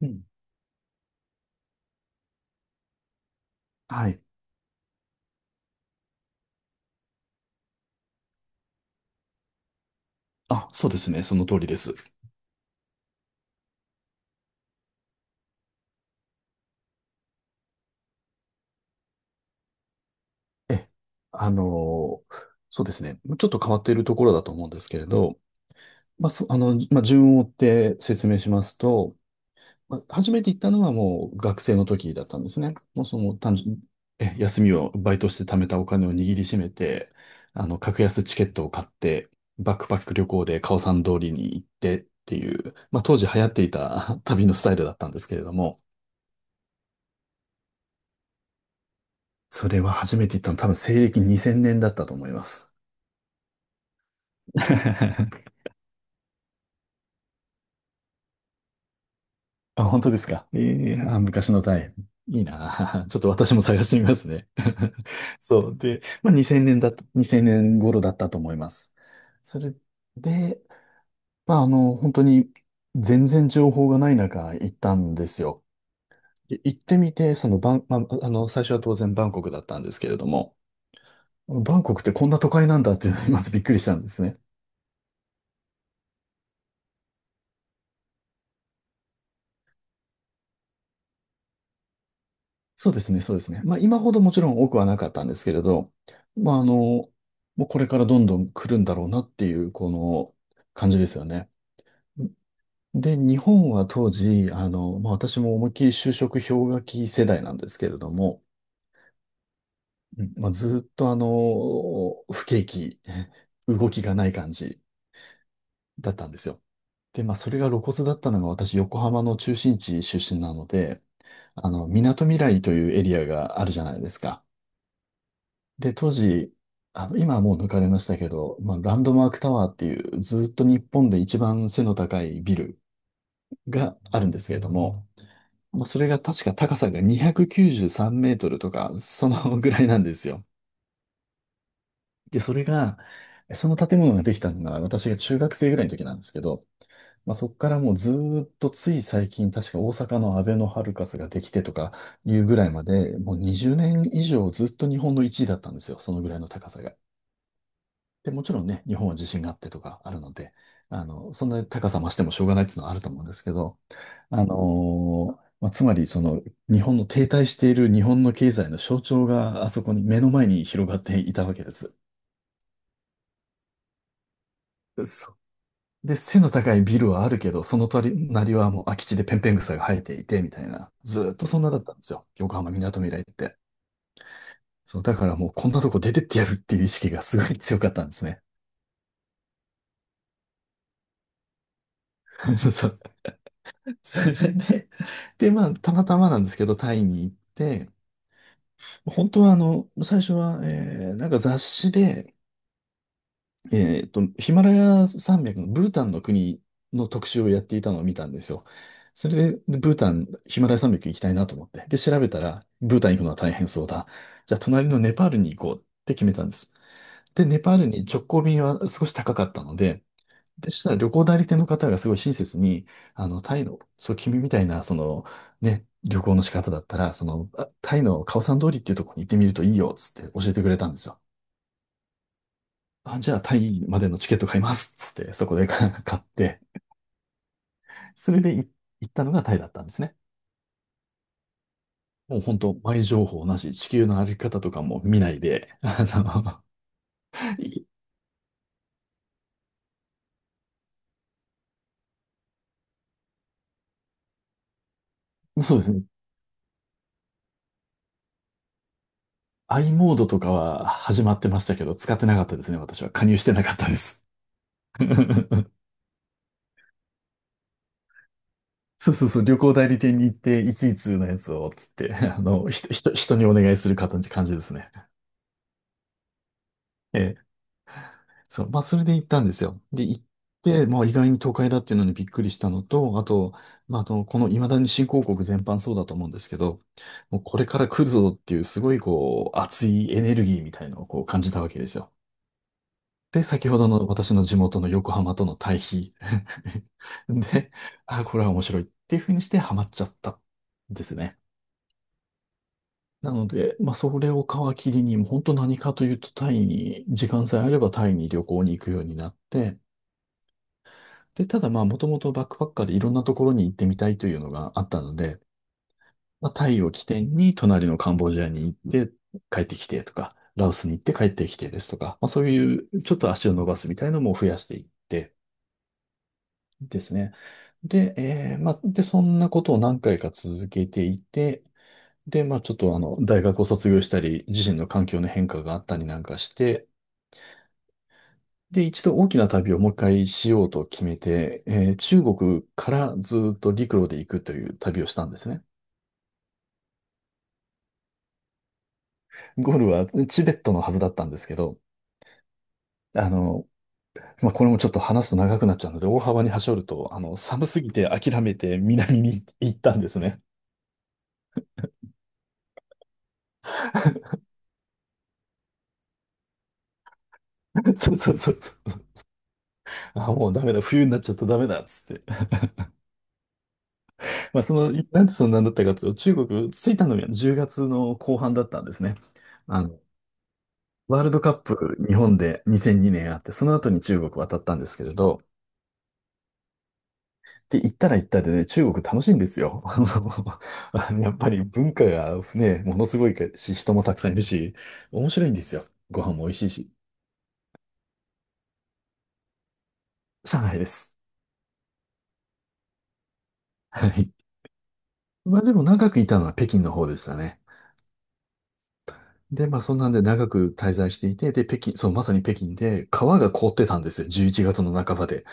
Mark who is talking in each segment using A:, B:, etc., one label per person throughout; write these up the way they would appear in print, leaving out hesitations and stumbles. A: うん。はい。あ、そうですね。その通りです。え、あのーそうですね。ちょっと変わっているところだと思うんですけれど、まあ、そ、あの、まあ、順を追って説明しますと、まあ、初めて行ったのはもう学生の時だったんですね。もうその単純、え、休みをバイトして貯めたお金を握りしめて、あの、格安チケットを買って、バックパック旅行でカオさん通りに行ってっていう、まあ、当時流行っていた 旅のスタイルだったんですけれども、それは初めて行ったの多分西暦2000年だったと思います。あ、本当ですか。昔のタイ。いいなあ。ちょっと私も探してみますね。そう。で、まあ、2000年頃だったと思います。それで、まあ、本当に全然情報がない中行ったんですよ。で、行ってみて、そのバン、まあ、あの、最初は当然バンコクだったんですけれども、バンコクってこんな都会なんだっていうのにまずびっくりしたんですね。そうですね、そうですね。まあ、今ほどもちろん多くはなかったんですけれど、まあ、もうこれからどんどん来るんだろうなっていう、この感じですよね。で、日本は当時、私も思いっきり就職氷河期世代なんですけれども、うんまあ、ずーっと不景気、動きがない感じだったんですよ。で、まあ、それが露骨だったのが私、横浜の中心地出身なので、あの、みなとみらいというエリアがあるじゃないですか。で、当時、あの、今はもう抜かれましたけど、まあ、ランドマークタワーっていう、ずっと日本で一番背の高いビルがあるんですけれども、もうそれが確か高さが293メートルとか、そのぐらいなんですよ。で、それが、その建物ができたのが私が中学生ぐらいの時なんですけど、まあ、そこからもうずーっとつい最近、確か大阪のアベノハルカスができてとかいうぐらいまで、もう20年以上ずっと日本の一位だったんですよ、そのぐらいの高さが。で、もちろんね、日本は地震があってとかあるので、あの、そんなに高さ増してもしょうがないっていうのはあると思うんですけど、あのまあ、つまり日本の停滞している日本の経済の象徴があそこに目の前に広がっていたわけです。そう。で、背の高いビルはあるけど、その隣はもう空き地でペンペン草が生えていて、みたいな。ずーっとそんなだったんですよ、横浜みなとみらいって。そう、だからもうこんなとこ出てってやるっていう意識がすごい強かったんですね。そう。 それで、で、まあ、たまたまなんですけど、タイに行って、本当は最初は、なんか雑誌で、ヒマラヤ山脈のブータンの国の特集をやっていたのを見たんですよ。それで、ブータン、ヒマラヤ山脈行きたいなと思って。で、調べたら、ブータン行くのは大変そうだ。じゃあ、隣のネパールに行こうって決めたんです。で、ネパールに直行便は少し高かったので、でしたら旅行代理店の方がすごい親切に、タイの、君みたいな、旅行の仕方だったら、タイのカオサン通りっていうところに行ってみるといいよ、つって教えてくれたんですよ。あ、じゃあタイまでのチケット買います、つって、そこで 買って、それで行ったのがタイだったんですね。もう本当、前情報なし、地球の歩き方とかも見ないで、あの、そうですね。i モードとかは始まってましたけど、使ってなかったですね、私は。加入してなかったです。そう、旅行代理店に行って、いついつのやつを、つって、あの、ひと、ひと、人にお願いするかという感じですね。ええ、そう、まあ、それで行ったんですよ。で、行って、まあ、意外に都会だっていうのにびっくりしたのと、あと、まあ、この未だに新興国全般そうだと思うんですけど、もうこれから来るぞっていう、すごい、こう、熱いエネルギーみたいのをこう感じたわけですよ。で、先ほどの私の地元の横浜との対比。で、あ、これは面白いっていうふうにしてハマっちゃったんですね。なので、まあ、それを皮切りに、もう本当何かというと、タイに、時間さえあればタイに旅行に行くようになって、で、ただまあ、もともとバックパッカーでいろんなところに行ってみたいというのがあったので、まあ、タイを起点に、隣のカンボジアに行って帰ってきてとか、ラオスに行って帰ってきてですとか、まあ、そういう、ちょっと足を伸ばすみたいなのも増やしていってですね。で、まあ、そんなことを何回か続けていて、で、まあちょっと大学を卒業したり、自身の環境の変化があったりなんかして、で、一度大きな旅をもう一回しようと決めて、中国からずっと陸路で行くという旅をしたんですね。ゴールはチベットのはずだったんですけど、あの、まあこれもちょっと話すと長くなっちゃうので、大幅に端折ると、あの、寒すぎて諦めて南に行ったんですね。そうそうそうそう。あ、もうダメだ、冬になっちゃったダメだ、っつって。まあ、その、なんでそんなんだったかというと、中国着いたのが10月の後半だったんですね。あの、ワールドカップ日本で2002年あって、その後に中国渡ったんですけれど、で、行ったら行ったでね、中国楽しいんですよ。あの、あのやっぱり文化がね、ものすごいし、人もたくさんいるし、面白いんですよ。ご飯も美味しいし、上海です。はい。まあでも長くいたのは北京の方でしたね。で、まあそんなんで長く滞在していて、で、北京、そう、まさに北京で、川が凍ってたんですよ。11月の半ばで。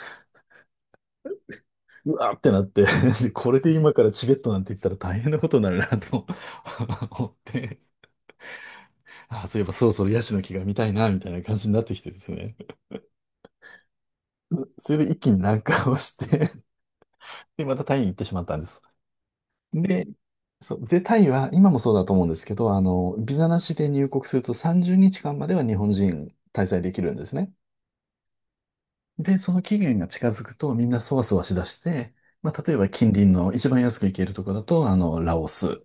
A: うわーってなって でこれで今からチベットなんて言ったら大変なことになるなと 思って、あー、そういえばそろそろヤシの木が見たいな、みたいな感じになってきてですね。それで一気に南下をして で、またタイに行ってしまったんです。で、タイは、今もそうだと思うんですけど、あの、ビザなしで入国すると30日間までは日本人滞在できるんですね。で、その期限が近づくとみんなそわそわしだして、まあ、例えば近隣の一番安く行けるところだと、ラオス、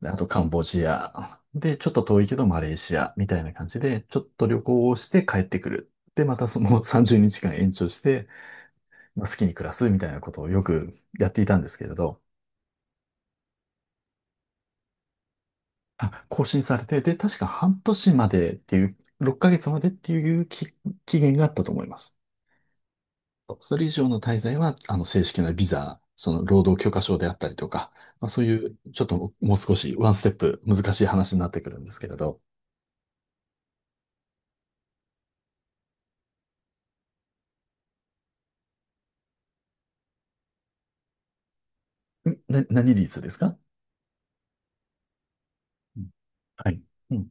A: であとカンボジア、で、ちょっと遠いけどマレーシアみたいな感じで、ちょっと旅行をして帰ってくる。で、またその 30日間延長して、まあ、好きに暮らすみたいなことをよくやっていたんですけれど、あ、更新されて、で、確か半年までっていう、6ヶ月までっていう期限があったと思います。そう、それ以上の滞在は、正式なビザ、その、労働許可証であったりとか、まあ、そういう、ちょっともう少し、ワンステップ難しい話になってくるんですけれど。何率ですか？うん、はい。うん、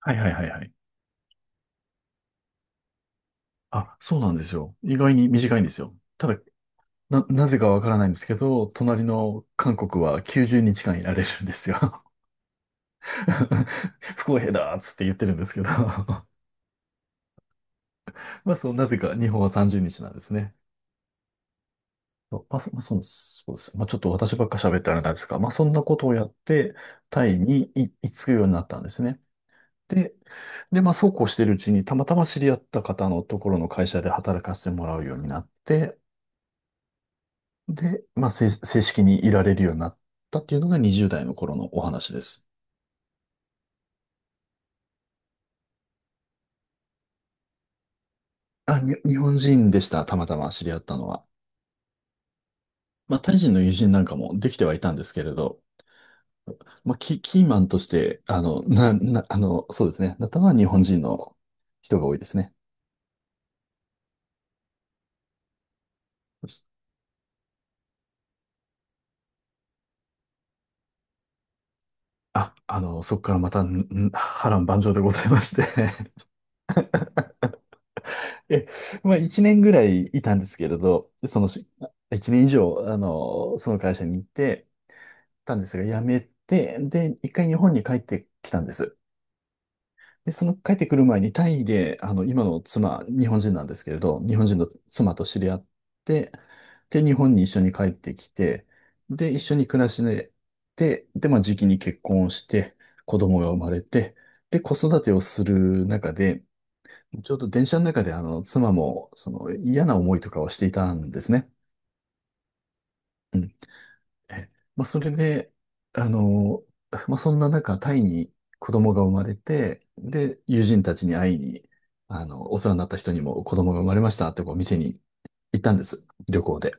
A: はいはいはいはい。あ、そうなんですよ。意外に短いんですよ。ただ、なぜかわからないんですけど、隣の韓国は90日間いられるんですよ。不公平だーっつって言ってるんですけど。 まあそう、なぜか日本は30日なんですね。そうまあ、まあそうそうです。まあ、ちょっと私ばっか喋ったらあれなんですが、まあ、そんなことをやって、タイに行き着くようになったんですね。で、で、まあ、そうこうしてるうちに、たまたま知り合った方のところの会社で働かせてもらうようになって、で、まあ、正式にいられるようになったっていうのが20代の頃のお話です。日本人でした、たまたま知り合ったのは。まあ、タイ人の友人なんかもできてはいたんですけれど、まあ、キーマンとして、あの、な、な、あの、そうですね、なったのは日本人の人が多いですね。そこからまた、波乱万丈でございまして。 え、まあ、一年ぐらいいたんですけれど、そのし、一年以上、その会社に行ってたんですが、辞めて、で、一回日本に帰ってきたんです。で、その帰ってくる前にタイで、今の妻、日本人なんですけれど、日本人の妻と知り合って、で、日本に一緒に帰ってきて、で、一緒に暮らしで、で、まあ、時期に結婚をして、子供が生まれて、で、子育てをする中で、ちょうど電車の中で、妻も、その、嫌な思いとかをしていたんですね。え、まあ、それで、あの、まあ、そんな中、タイに子供が生まれて、で、友人たちに会いに、お世話になった人にも子供が生まれましたってこう店に行ったんです。旅行で。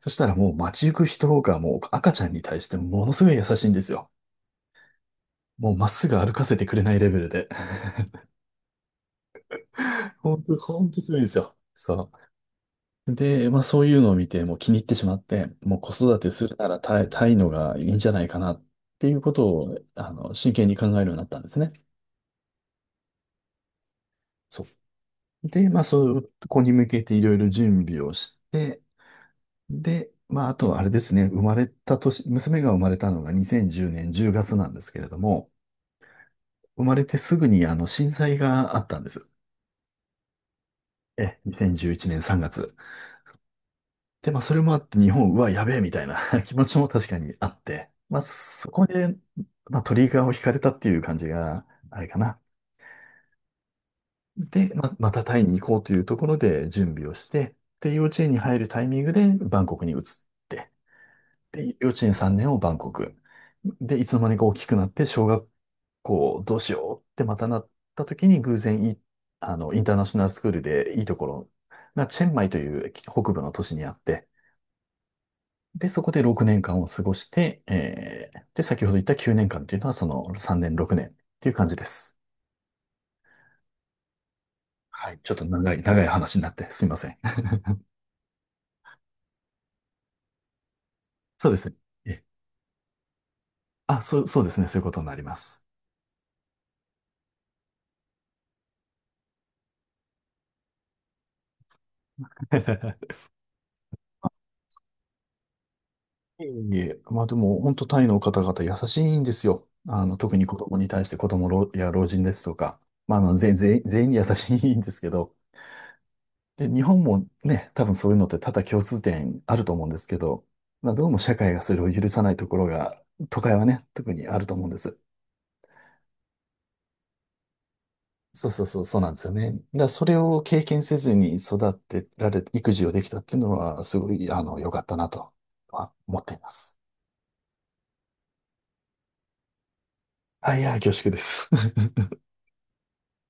A: そしたらもう街行く人がもう赤ちゃんに対してものすごい優しいんですよ。もうまっすぐ歩かせてくれないレベルで。本当、本当すごいんですよ。そう。で、まあそういうのを見て、もう気に入ってしまって、もう子育てするならタイ、タイのがいいんじゃないかなっていうことを、真剣に考えるようになったんですね。そう。で、まあそこに向けていろいろ準備をして、で、まああとはあれですね、生まれた年、娘が生まれたのが2010年10月なんですけれども、生まれてすぐにあの震災があったんです。え、2011年3月。で、まあ、それもあって、日本、うわ、やべえ、みたいな 気持ちも確かにあって、まあ、そこで、まあ、トリガーを引かれたっていう感じが、あれかな。で、まあ、またタイに行こうというところで準備をして、で、幼稚園に入るタイミングでバンコクに移って、で、幼稚園3年をバンコク。で、いつの間にか大きくなって、小学校どうしようってまたなった時に偶然い、あの、インターナショナルスクールでいいところがチェンマイという北部の都市にあって、で、そこで6年間を過ごして、えー、で、先ほど言った9年間っていうのはその3年、6年っていう感じです。はい。ちょっと長い、長い話になってすみません。そうですね。えあ、そうですね。そういうことになります。いえいえ、まあでも、本当タイの方々優しいんですよ。特に子供に対して子供老や老人ですとか、全員に優しいんですけど、で、日本もね、多分そういうのって多々共通点あると思うんですけど、まあどうも社会がそれを許さないところが、都会はね、特にあると思うんです。そうそうそう、そうなんですよね。だからそれを経験せずに育てられ、育児をできたっていうのは、すごい、良かったなとは思っています。あい、いや、恐縮です。